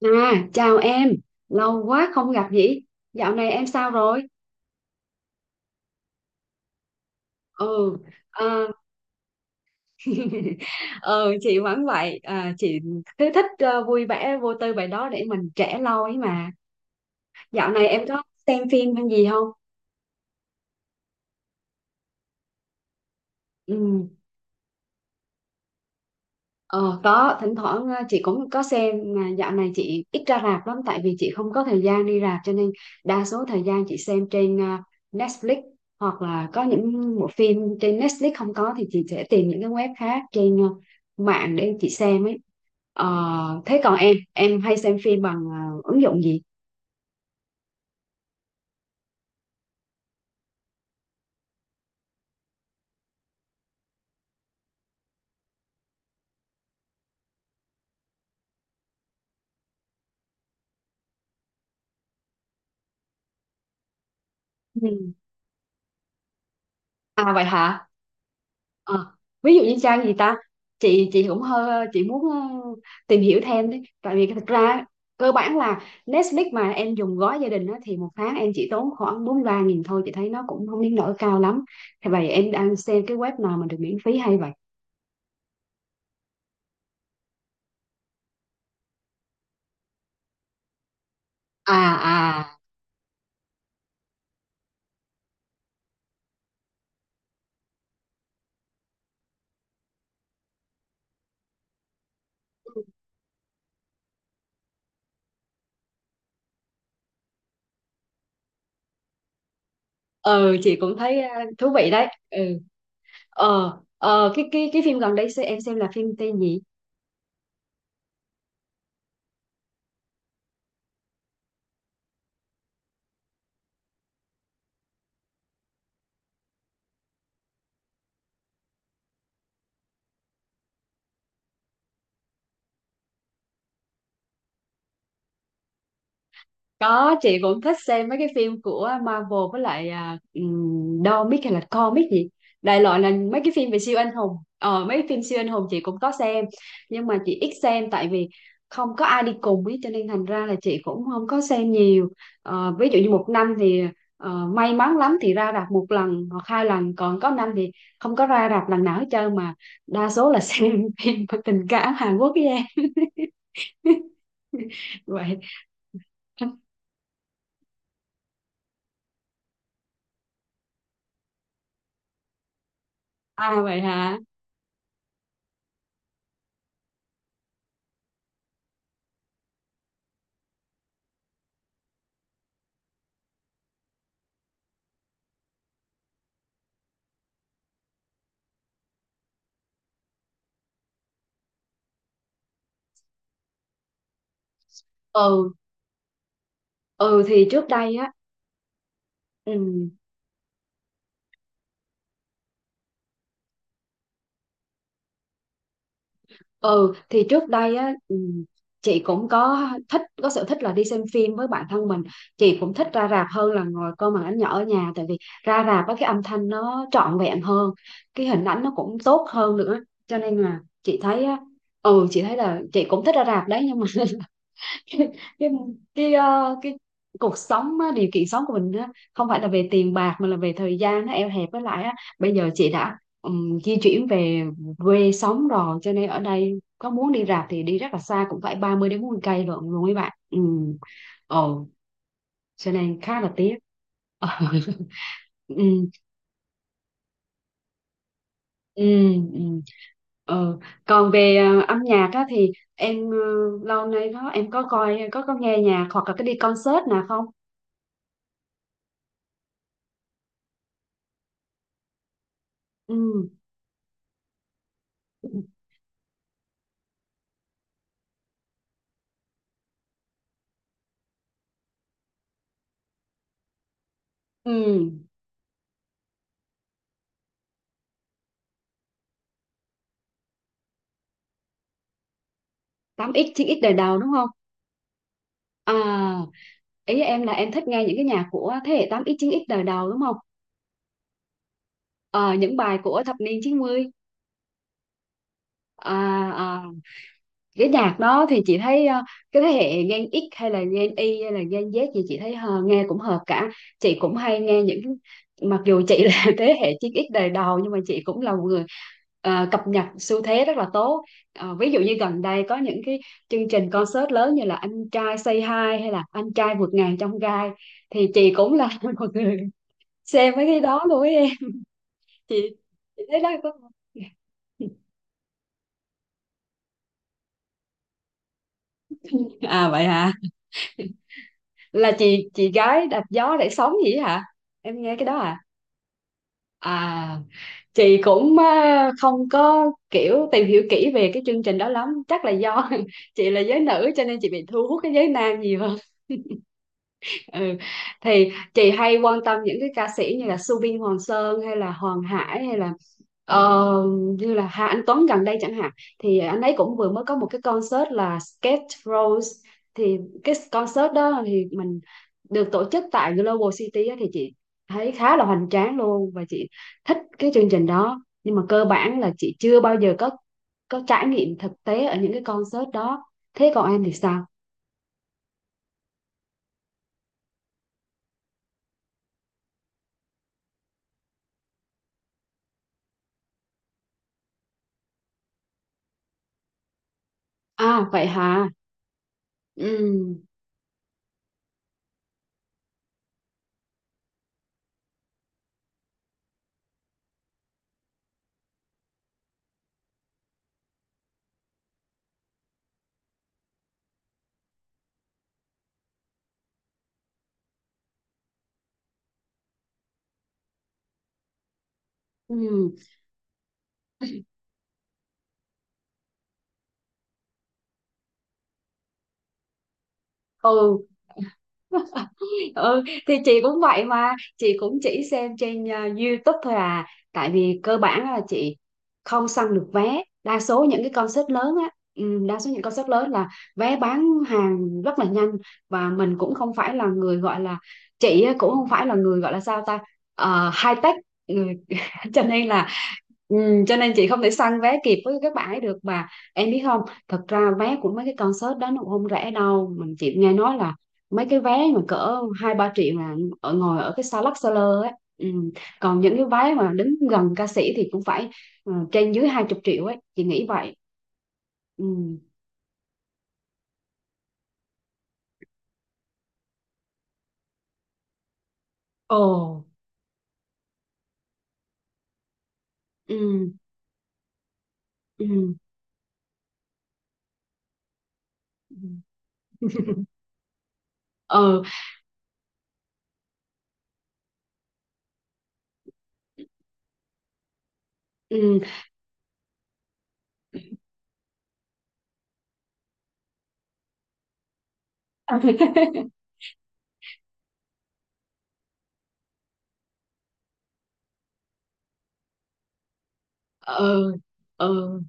À, chào em, lâu quá không gặp nhỉ? Dạo này em sao rồi? Ừ, à, ừ chị vẫn vậy, chị cứ thích vui vẻ vô tư vậy đó để mình trẻ lâu ấy mà. Dạo này em có xem phim hay gì không? Ừ. Ờ, có thỉnh thoảng chị cũng có xem, mà dạo này chị ít ra rạp lắm tại vì chị không có thời gian đi rạp, cho nên đa số thời gian chị xem trên Netflix, hoặc là có những bộ phim trên Netflix không có thì chị sẽ tìm những cái web khác trên mạng để chị xem ấy. Thế còn em hay xem phim bằng ứng dụng gì? Ừ. À vậy hả? Ờ, Ví dụ như trang gì ta, chị cũng hơi, chị muốn tìm hiểu thêm đấy, tại vì thực ra cơ bản là Netflix mà em dùng gói gia đình á, thì một tháng em chỉ tốn khoảng 43.000 thôi, chị thấy nó cũng không đến nỗi cao lắm. Thế vậy em đang xem cái web nào mà được miễn phí hay vậy? À. À. Ừ, chị cũng thấy thú vị đấy. Ừ, cái phim gần đây em xem là phim tên gì? Có, chị cũng thích xem mấy cái phim của Marvel, với lại Dormic hay là Comic gì. Đại loại là mấy cái phim về siêu anh hùng. Ờ, mấy cái phim siêu anh hùng chị cũng có xem. Nhưng mà chị ít xem tại vì không có ai đi cùng ấy, cho nên thành ra là chị cũng không có xem nhiều. Ví dụ như một năm thì may mắn lắm thì ra rạp một lần hoặc hai lần. Còn có năm thì không có ra rạp lần nào hết trơn, mà đa số là xem phim tình cảm Hàn Quốc với em. Vậy. À vậy hả? Ừ, ừ thì trước đây á, ừ, ừ thì trước đây á, chị cũng có thích, có sở thích là đi xem phim với bạn thân mình. Chị cũng thích ra rạp hơn là ngồi coi màn ảnh nhỏ ở nhà, tại vì ra rạp á cái âm thanh nó trọn vẹn hơn, cái hình ảnh nó cũng tốt hơn nữa, cho nên là chị thấy á, ừ chị thấy là chị cũng thích ra rạp đấy nhưng mà cái cái cái cuộc sống á, điều kiện sống của mình á, không phải là về tiền bạc mà là về thời gian, nó eo hẹp, với lại á, bây giờ chị đã di chuyển về quê sống rồi cho nên ở đây có muốn đi rạp thì đi rất là xa, cũng phải 30 đến 40 cây lận luôn mấy bạn. Ừ. Ồ, cho nên khá là tiếc. Ờ. Ừ. Ừ. Ừ. Ờ, Còn về âm nhạc á, thì em lâu nay đó em có coi, có nghe nhạc hoặc là cái đi concert nào không? Ừ. Ừ, tám x chín x đời đầu đúng không? À, ý em là em thích nghe những cái nhạc của thế hệ tám x chín x đời đầu đúng không? Ờ, những bài của thập niên 90, à, à, cái nhạc đó thì chị thấy cái thế hệ Gen X hay là Gen Y hay là Gen Z gì chị thấy nghe cũng hợp cả. Chị cũng hay nghe những, mặc dù chị là thế hệ 9X đời đầu nhưng mà chị cũng là một người cập nhật xu thế rất là tốt. Ví dụ như gần đây có những cái chương trình concert lớn như là Anh trai Say Hi hay là Anh trai vượt ngàn trong gai, thì chị cũng là một người xem mấy cái đó luôn ấy em. chị chị thấy đó có à vậy hả, là chị gái đạp gió để sống gì ấy hả, em nghe cái đó à? À, chị cũng á, không có kiểu tìm hiểu kỹ về cái chương trình đó lắm, chắc là do chị là giới nữ cho nên chị bị thu hút cái giới nam nhiều. Ừ. Thì chị hay quan tâm những cái ca sĩ như là Subin Hoàng Sơn hay là Hoàng Hải, hay là ờ, như là Hà Anh Tuấn gần đây chẳng hạn. Thì anh ấy cũng vừa mới có một cái concert là Skate Rose. Thì cái concert đó thì mình được tổ chức tại Global City á, thì chị thấy khá là hoành tráng luôn, và chị thích cái chương trình đó nhưng mà cơ bản là chị chưa bao giờ có trải nghiệm thực tế ở những cái concert đó. Thế còn em thì sao? À vậy hả? Ừ. Ừ. Ừ. Ừ thì chị cũng vậy mà, chị cũng chỉ xem trên YouTube thôi, à tại vì cơ bản là chị không săn được vé đa số những cái concert lớn á. Ừ, đa số những concert lớn là vé bán hàng rất là nhanh, và mình cũng không phải là người gọi là, cũng không phải là người gọi là sao ta. Ờ, high tech người cho nên là, ừ, cho nên chị không thể săn vé kịp với các bạn ấy được mà, em biết không? Thật ra vé của mấy cái concert đó nó cũng không rẻ đâu, mình chị nghe nói là mấy cái vé mà cỡ 2-3 triệu là ở ngồi ở cái xa lắc xa lơ ấy. Ừ. Còn những cái vé mà đứng gần ca sĩ thì cũng phải trên dưới 20 triệu ấy, chị nghĩ vậy. Ừ. Ồ. Ừ. Ừ. Ừ. Ừ. Ừ. Ừ. Ừ.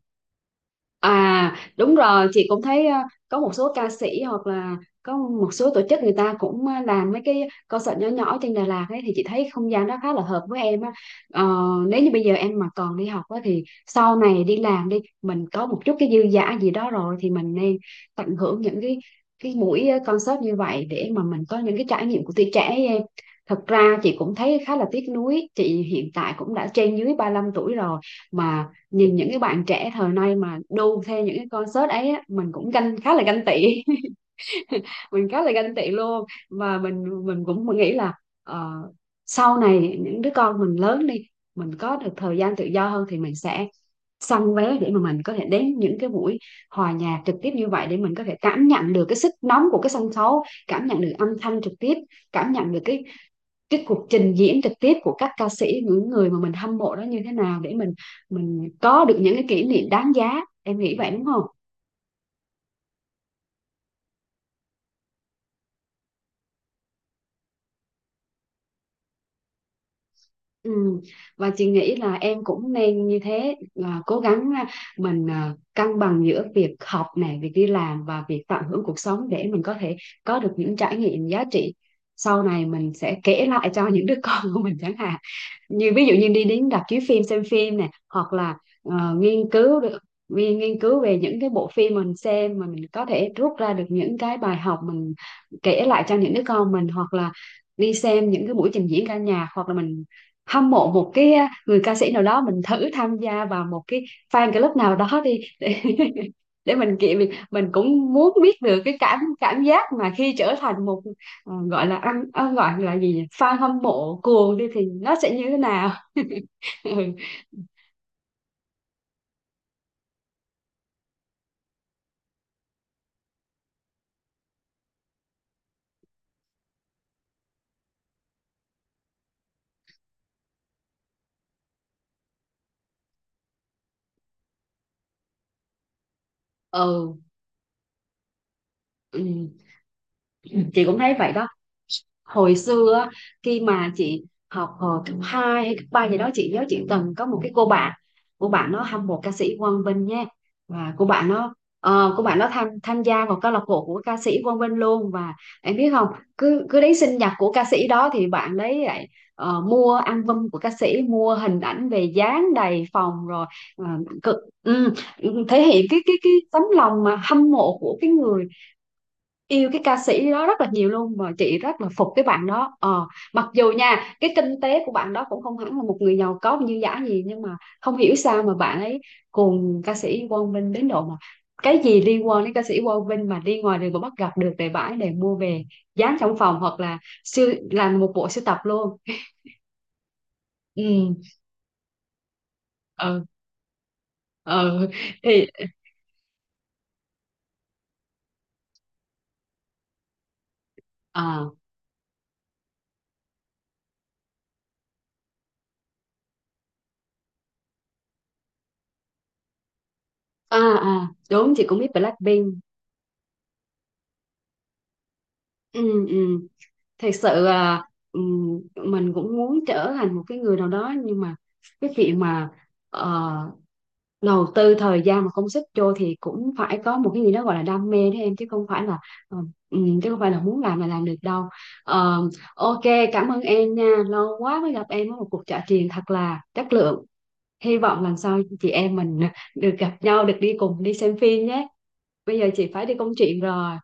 À đúng rồi, chị cũng thấy có một số ca sĩ hoặc là có một số tổ chức người ta cũng làm mấy cái concert nhỏ nhỏ ở trên Đà Lạt ấy, thì chị thấy không gian đó khá là hợp với em á. ờ, Nếu như bây giờ em mà còn đi học á thì sau này đi làm đi, mình có một chút cái dư dả gì đó rồi thì mình nên tận hưởng những cái buổi concert như vậy để mà mình có những cái trải nghiệm của tuổi trẻ ấy em. Thật ra chị cũng thấy khá là tiếc nuối, chị hiện tại cũng đã trên dưới 35 tuổi rồi, mà nhìn những cái bạn trẻ thời nay mà đu theo những cái concert ấy á, mình cũng ganh, khá là ganh tị mình khá là ganh tị luôn. Và mình cũng nghĩ là ờ, sau này những đứa con mình lớn đi, mình có được thời gian tự do hơn thì mình sẽ săn vé để mà mình có thể đến những cái buổi hòa nhạc trực tiếp như vậy, để mình có thể cảm nhận được cái sức nóng của cái sân khấu, cảm nhận được âm thanh trực tiếp, cảm nhận được cái cuộc trình diễn trực tiếp của các ca sĩ, những người mà mình hâm mộ đó như thế nào, để mình có được những cái kỷ niệm đáng giá, em nghĩ vậy đúng không? Ừ. Và chị nghĩ là em cũng nên như thế, là cố gắng mình cân bằng giữa việc học này, việc đi làm và việc tận hưởng cuộc sống, để mình có thể có được những trải nghiệm giá trị. Sau này mình sẽ kể lại cho những đứa con của mình chẳng hạn, như ví dụ như đi đến rạp chiếu phim xem phim này, hoặc là nghiên cứu được, nghiên nghiên cứu về những cái bộ phim mình xem mà mình có thể rút ra được những cái bài học mình kể lại cho những đứa con mình, hoặc là đi xem những cái buổi trình diễn ca nhạc, hoặc là mình hâm mộ một cái người ca sĩ nào đó mình thử tham gia vào một cái fan club nào đó đi để để mình kiện mình cũng muốn biết được cái cảm cảm giác mà khi trở thành một gọi là ăn gọi là gì nhỉ, fan hâm mộ cuồng đi thì nó sẽ như thế nào. Ừ. Ừ, ừ, chị cũng thấy vậy đó. Hồi xưa á, khi mà chị học hồi cấp 2 hay cấp 3 gì đó, chị nhớ chị từng có một cái cô bạn, cô bạn nó hâm mộ ca sĩ Quang Vinh nha. Và cô bạn nó cô bạn nó tham tham gia vào câu lạc bộ của ca sĩ Quang Vinh luôn. Và em biết không, cứ cứ đến sinh nhật của ca sĩ đó thì bạn đấy lại mua album của ca sĩ, mua hình ảnh về dán đầy phòng rồi ờ, cực, ừ, thể hiện cái cái tấm lòng mà hâm mộ của cái người yêu cái ca sĩ đó rất là nhiều luôn, mà chị rất là phục cái bạn đó. Ờ, mặc dù nha cái kinh tế của bạn đó cũng không hẳn là một người giàu có như giả gì nhưng mà không hiểu sao mà bạn ấy cùng ca sĩ Quang Vinh đến độ mà cái gì liên quan đến ca sĩ Quang Vinh mà đi ngoài đường mà bắt gặp được để bãi, để mua về dán trong phòng, hoặc là siêu làm một bộ sưu tập luôn. Ừ. Ừ. Ừ thì à à đúng, chị cũng biết Blackpink. Ừ. Ừ, thật sự là mình cũng muốn trở thành một cái người nào đó nhưng mà cái chuyện mà ờ, đầu tư thời gian mà công sức vô thì cũng phải có một cái gì đó gọi là đam mê đấy em, chứ không phải là ờ, chứ không phải là muốn làm là làm được đâu. Ờ, ok, cảm ơn em nha, lâu quá mới gặp em ở một cuộc trò chuyện thật là chất lượng. Hy vọng lần sau chị em mình được gặp nhau, được đi cùng đi xem phim nhé. Bây giờ chị phải đi công chuyện rồi.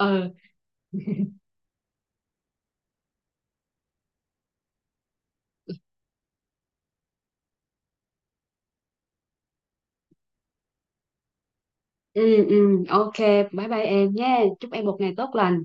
Ừ. Ừ. Ừ, ok, bye bye em nhé, chúc em một ngày tốt lành.